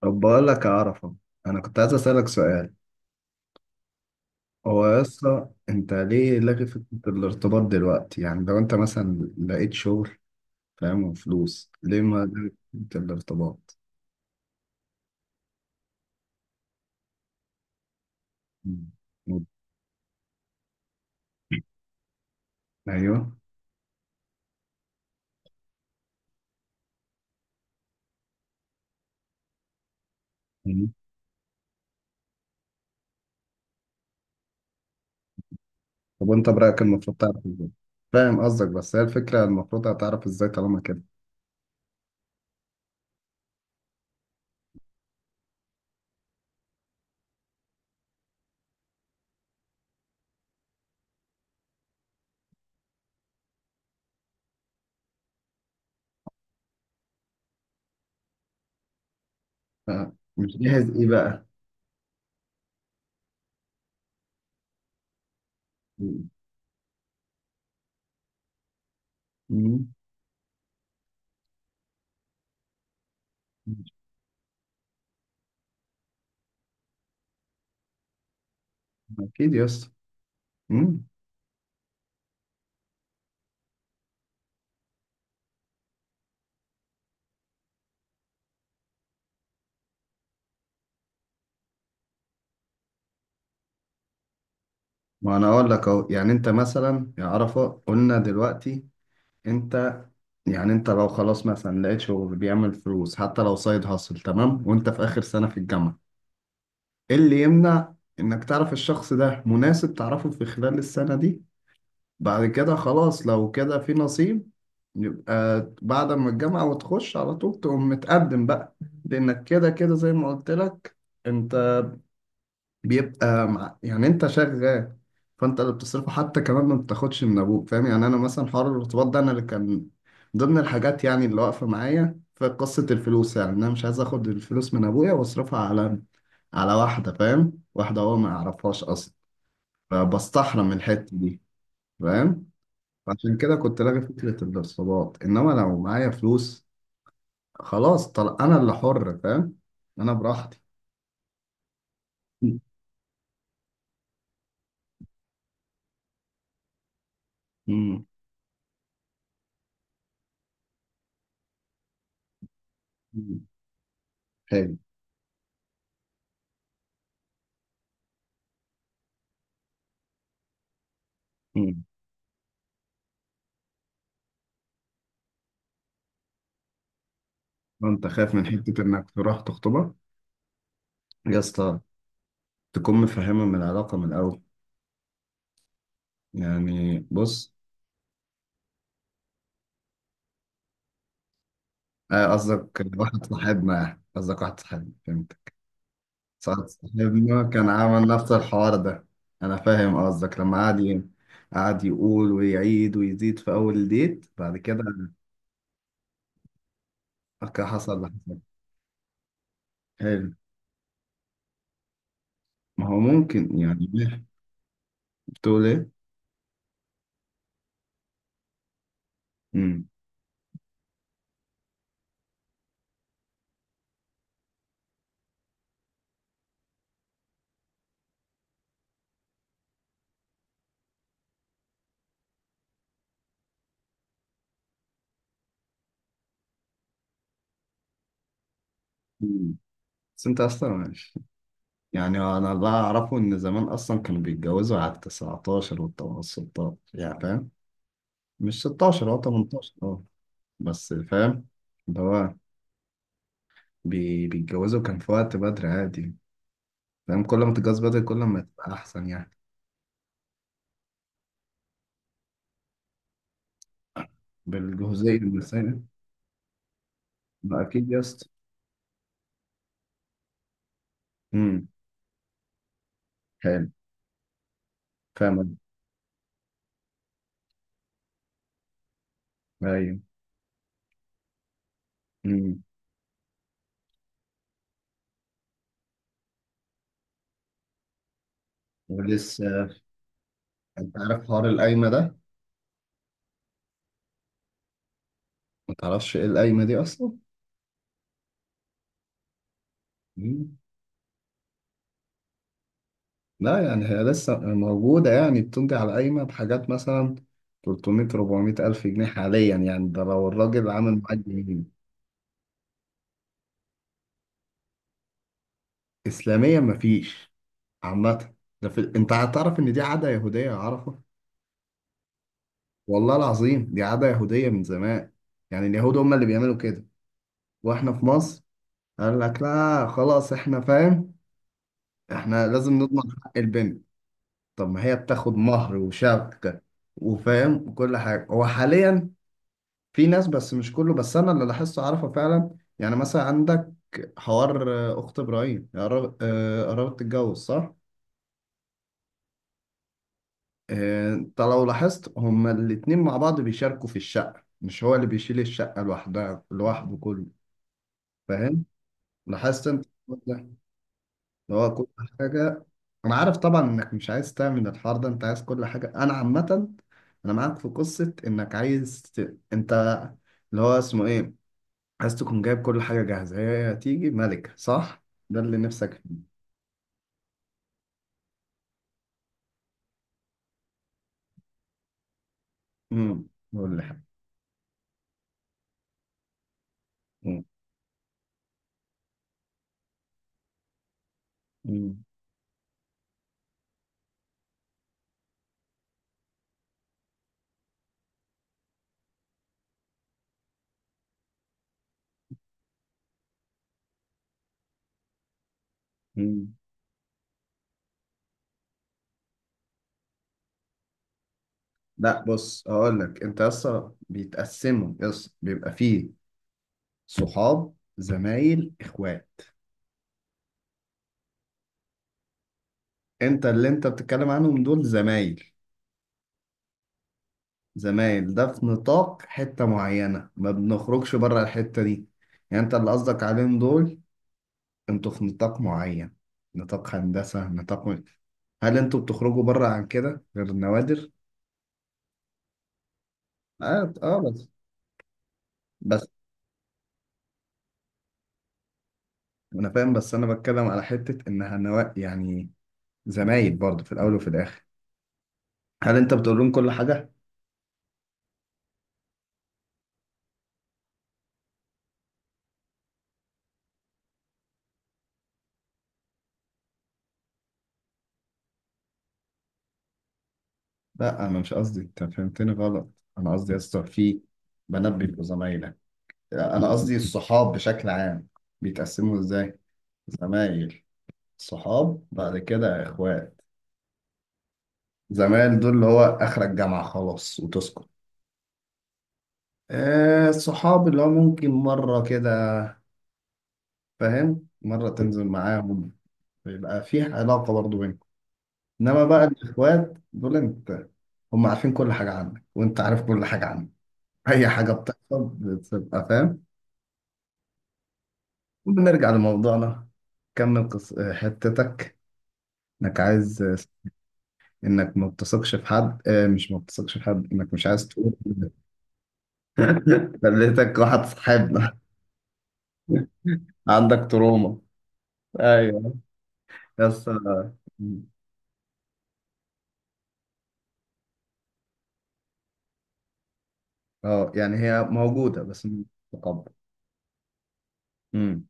طب بقول لك يا عرفة، أنا كنت عايز أسألك سؤال. هو يا اسطى أنت ليه لاغي فكرة الارتباط دلوقتي؟ يعني لو أنت مثلا لقيت شغل، فاهم، وفلوس، ليه ما لغيت فكرة الارتباط؟ مم. أيوه. مم. طب وأنت برأيك المفروض تعرف إزاي؟ فاهم قصدك، بس هي الفكرة المفروض هتعرف إزاي طالما كده؟ ف- مش جاهز إيه بقى؟ مم. مم. أكيد يا اسطى. مم. ما أنا أقول لك أهو، يعني أنت مثلا يا عرفة، قلنا دلوقتي أنت، يعني انت لو خلاص مثلا لقيت شغل بيعمل فلوس حتى لو سايد هاسل، تمام، وانت في اخر سنة في الجامعة، ايه اللي يمنع انك تعرف الشخص ده مناسب، تعرفه في خلال السنة دي، بعد كده خلاص لو كده في نصيب يبقى بعد ما الجامعة وتخش على طول تقوم متقدم بقى. لانك كده كده زي ما قلت لك انت يعني انت شغال، فانت اللي بتصرفه حتى كمان ما بتاخدش من ابوك، فاهم؟ يعني انا مثلا حوار الارتباط ده انا اللي كان ضمن الحاجات، يعني اللي واقفه معايا في قصه الفلوس، يعني انا مش عايز اخد الفلوس من ابويا واصرفها على واحده، فاهم، واحده هو ما يعرفهاش اصلا، فبستحرم الحته دي، فاهم. عشان كده كنت لاغي فكره الارتباط، انما لو معايا فلوس خلاص، انا اللي حر، فاهم، انا براحتي. امم. حلو. انت خايف من حتة انك تروح تخطبها يا اسطى، تكون مفهمة من العلاقة من الاول. يعني بص، آه، قصدك واحد صاحبنا يعني. قصدك واحد صاحبنا، فهمت. صاحب صاحبنا كان عامل نفس الحوار ده. انا فاهم قصدك، لما قعد يقول ويعيد ويزيد في اول ديت بعد كده. أوكي، حصل اللي حصل. حلو. ما هو ممكن، يعني ليه؟ بتقول ايه؟ امم. بس انت اصلا ماشي، يعني انا اللي اعرفه ان زمان اصلا كانوا بيتجوزوا على ال 19 وال 16، يعني فاهم، مش 16، هو 18، اه، بس فاهم، اللي هو بيتجوزوا كان في وقت بدري عادي، فاهم، كل ما تتجوز بدري كل ما تبقى احسن يعني، بالجهوزية النسائية. ما اكيد يا اسطى. امم. حلو. فاهم. ايوه. امم. ولسه، انت عارف حوار القايمة ده؟ ما تعرفش ايه القايمة دي اصلا؟ إمم. لا يعني هي لسه موجودة، يعني بتمضي على قايمة بحاجات مثلا 300 400 ألف جنيه حاليا، يعني ده لو الراجل عامل معاك جنيه. إسلاميا مفيش، عامة. أنت هتعرف إن دي عادة يهودية يا عرفة، والله العظيم دي عادة يهودية من زمان، يعني اليهود هم اللي بيعملوا كده وإحنا في مصر، قال لك لا خلاص، إحنا فاهم، إحنا لازم نضمن حق البنت. طب ما هي بتاخد مهر وشبكة وفاهم وكل حاجة. هو حاليا في ناس، بس مش كله، بس انا اللي لاحظته عارفه فعلا، يعني مثلا عندك حوار، آه، اخت ابراهيم آه، قربت تتجوز، صح. آه، انت لو لاحظت هما الاتنين مع بعض بيشاركوا في الشقه، مش هو اللي بيشيل الشقه لوحدها لوحده كله، فاهم، لاحظت انت الحوار ده اللي هو كل حاجه. انا عارف طبعا انك مش عايز تعمل الحوار ده، انت عايز كل حاجه انا عامه، انا معاك في قصه انك عايز انت اللي هو اسمه ايه، عايز تكون جايب كل حاجة جاهزة، هي هتيجي ملكة، صح؟ ده اللي نفسك فيه. امم. قول لي حاجة. مم. مم. مم. لا بص هقول لك انت اصلا بيتقسموا، يس بيبقى فيه صحاب، زمايل، اخوات. انت اللي انت بتتكلم عنهم دول زمايل، زمايل ده في نطاق حتة معينة ما بنخرجش بره الحتة دي، يعني انت اللي قصدك عليهم دول انتوا في نطاق معين، نطاق هندسة، نطاق. هل انتوا بتخرجوا بره عن كده غير النوادر؟ اه اه، بس. بس انا فاهم، بس انا بتكلم على حته انها نوا يعني، زمايل برضه في الاول وفي الاخر. هل انت بتقول لهم كل حاجه؟ لا انا مش قصدي، انت فهمتني غلط، انا قصدي يا اسطى في بنات بيبقوا زمايلك، انا قصدي الصحاب بشكل عام بيتقسموا ازاي. زمايل، صحاب، بعد كده اخوات. زمايل دول اللي هو اخر الجامعه خلاص وتسكت. آه الصحاب اللي هو ممكن مره كده، فاهم، مره تنزل معاهم، يبقى في علاقه برضه بينهم. انما بقى الاخوات دول انت، هم عارفين كل حاجه عنك وانت عارف كل حاجه عنك، اي حاجه بتحصل بتبقى فاهم. وبنرجع لموضوعنا. كمل حتتك، انك عايز، انك ما بتثقش في حد، اه مش ما بتثقش في حد، انك مش عايز تقول. خليتك واحد صاحبنا. عندك تروما. ايوه، بس. اه يعني هي موجوده بس مش متقبل. امم.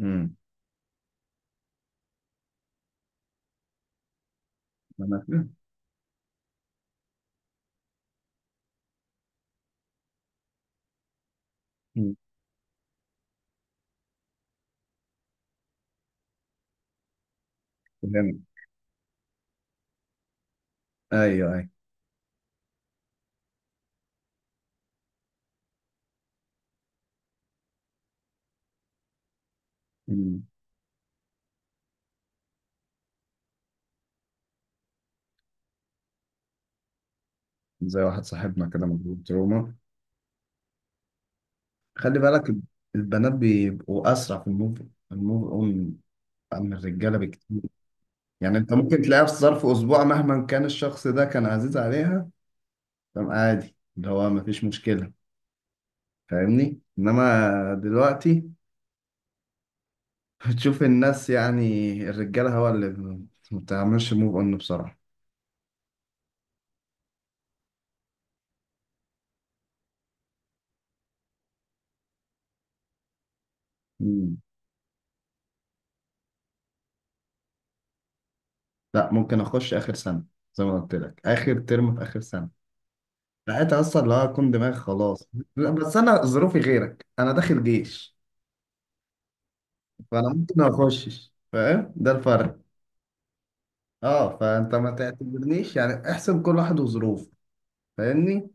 امم. انا فاهم. أمم. فهمت. ايوه. ايوه. زي واحد صاحبنا كده مضروب تروما. خلي بالك، البنات بيبقوا أسرع في الموف، الموف أون، عن الرجالة بكتير، يعني أنت ممكن تلاقيها في ظرف أسبوع مهما كان الشخص ده كان عزيز عليها، تمام، عادي اللي هو مفيش مشكلة، فاهمني؟ إنما دلوقتي بتشوف الناس، يعني الرجالة هو اللي ما بتعملش موف أون بسرعة. مم. لا ممكن أخش آخر سنة، زي ما قلت لك، آخر ترم في آخر سنة، ساعتها اصلا اللي هو اكون دماغ خلاص. لا، بس انا ظروفي غيرك، انا داخل جيش، فانا ممكن ما اخشش، فاهم، ده الفرق. اه، فانت ما تعتبرنيش، يعني احسب كل واحد وظروفه، فاهمني.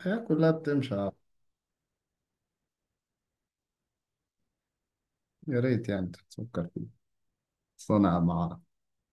الحياة كلها بتمشي، اه. يا ريت يعني تفكر فيه. صنع مع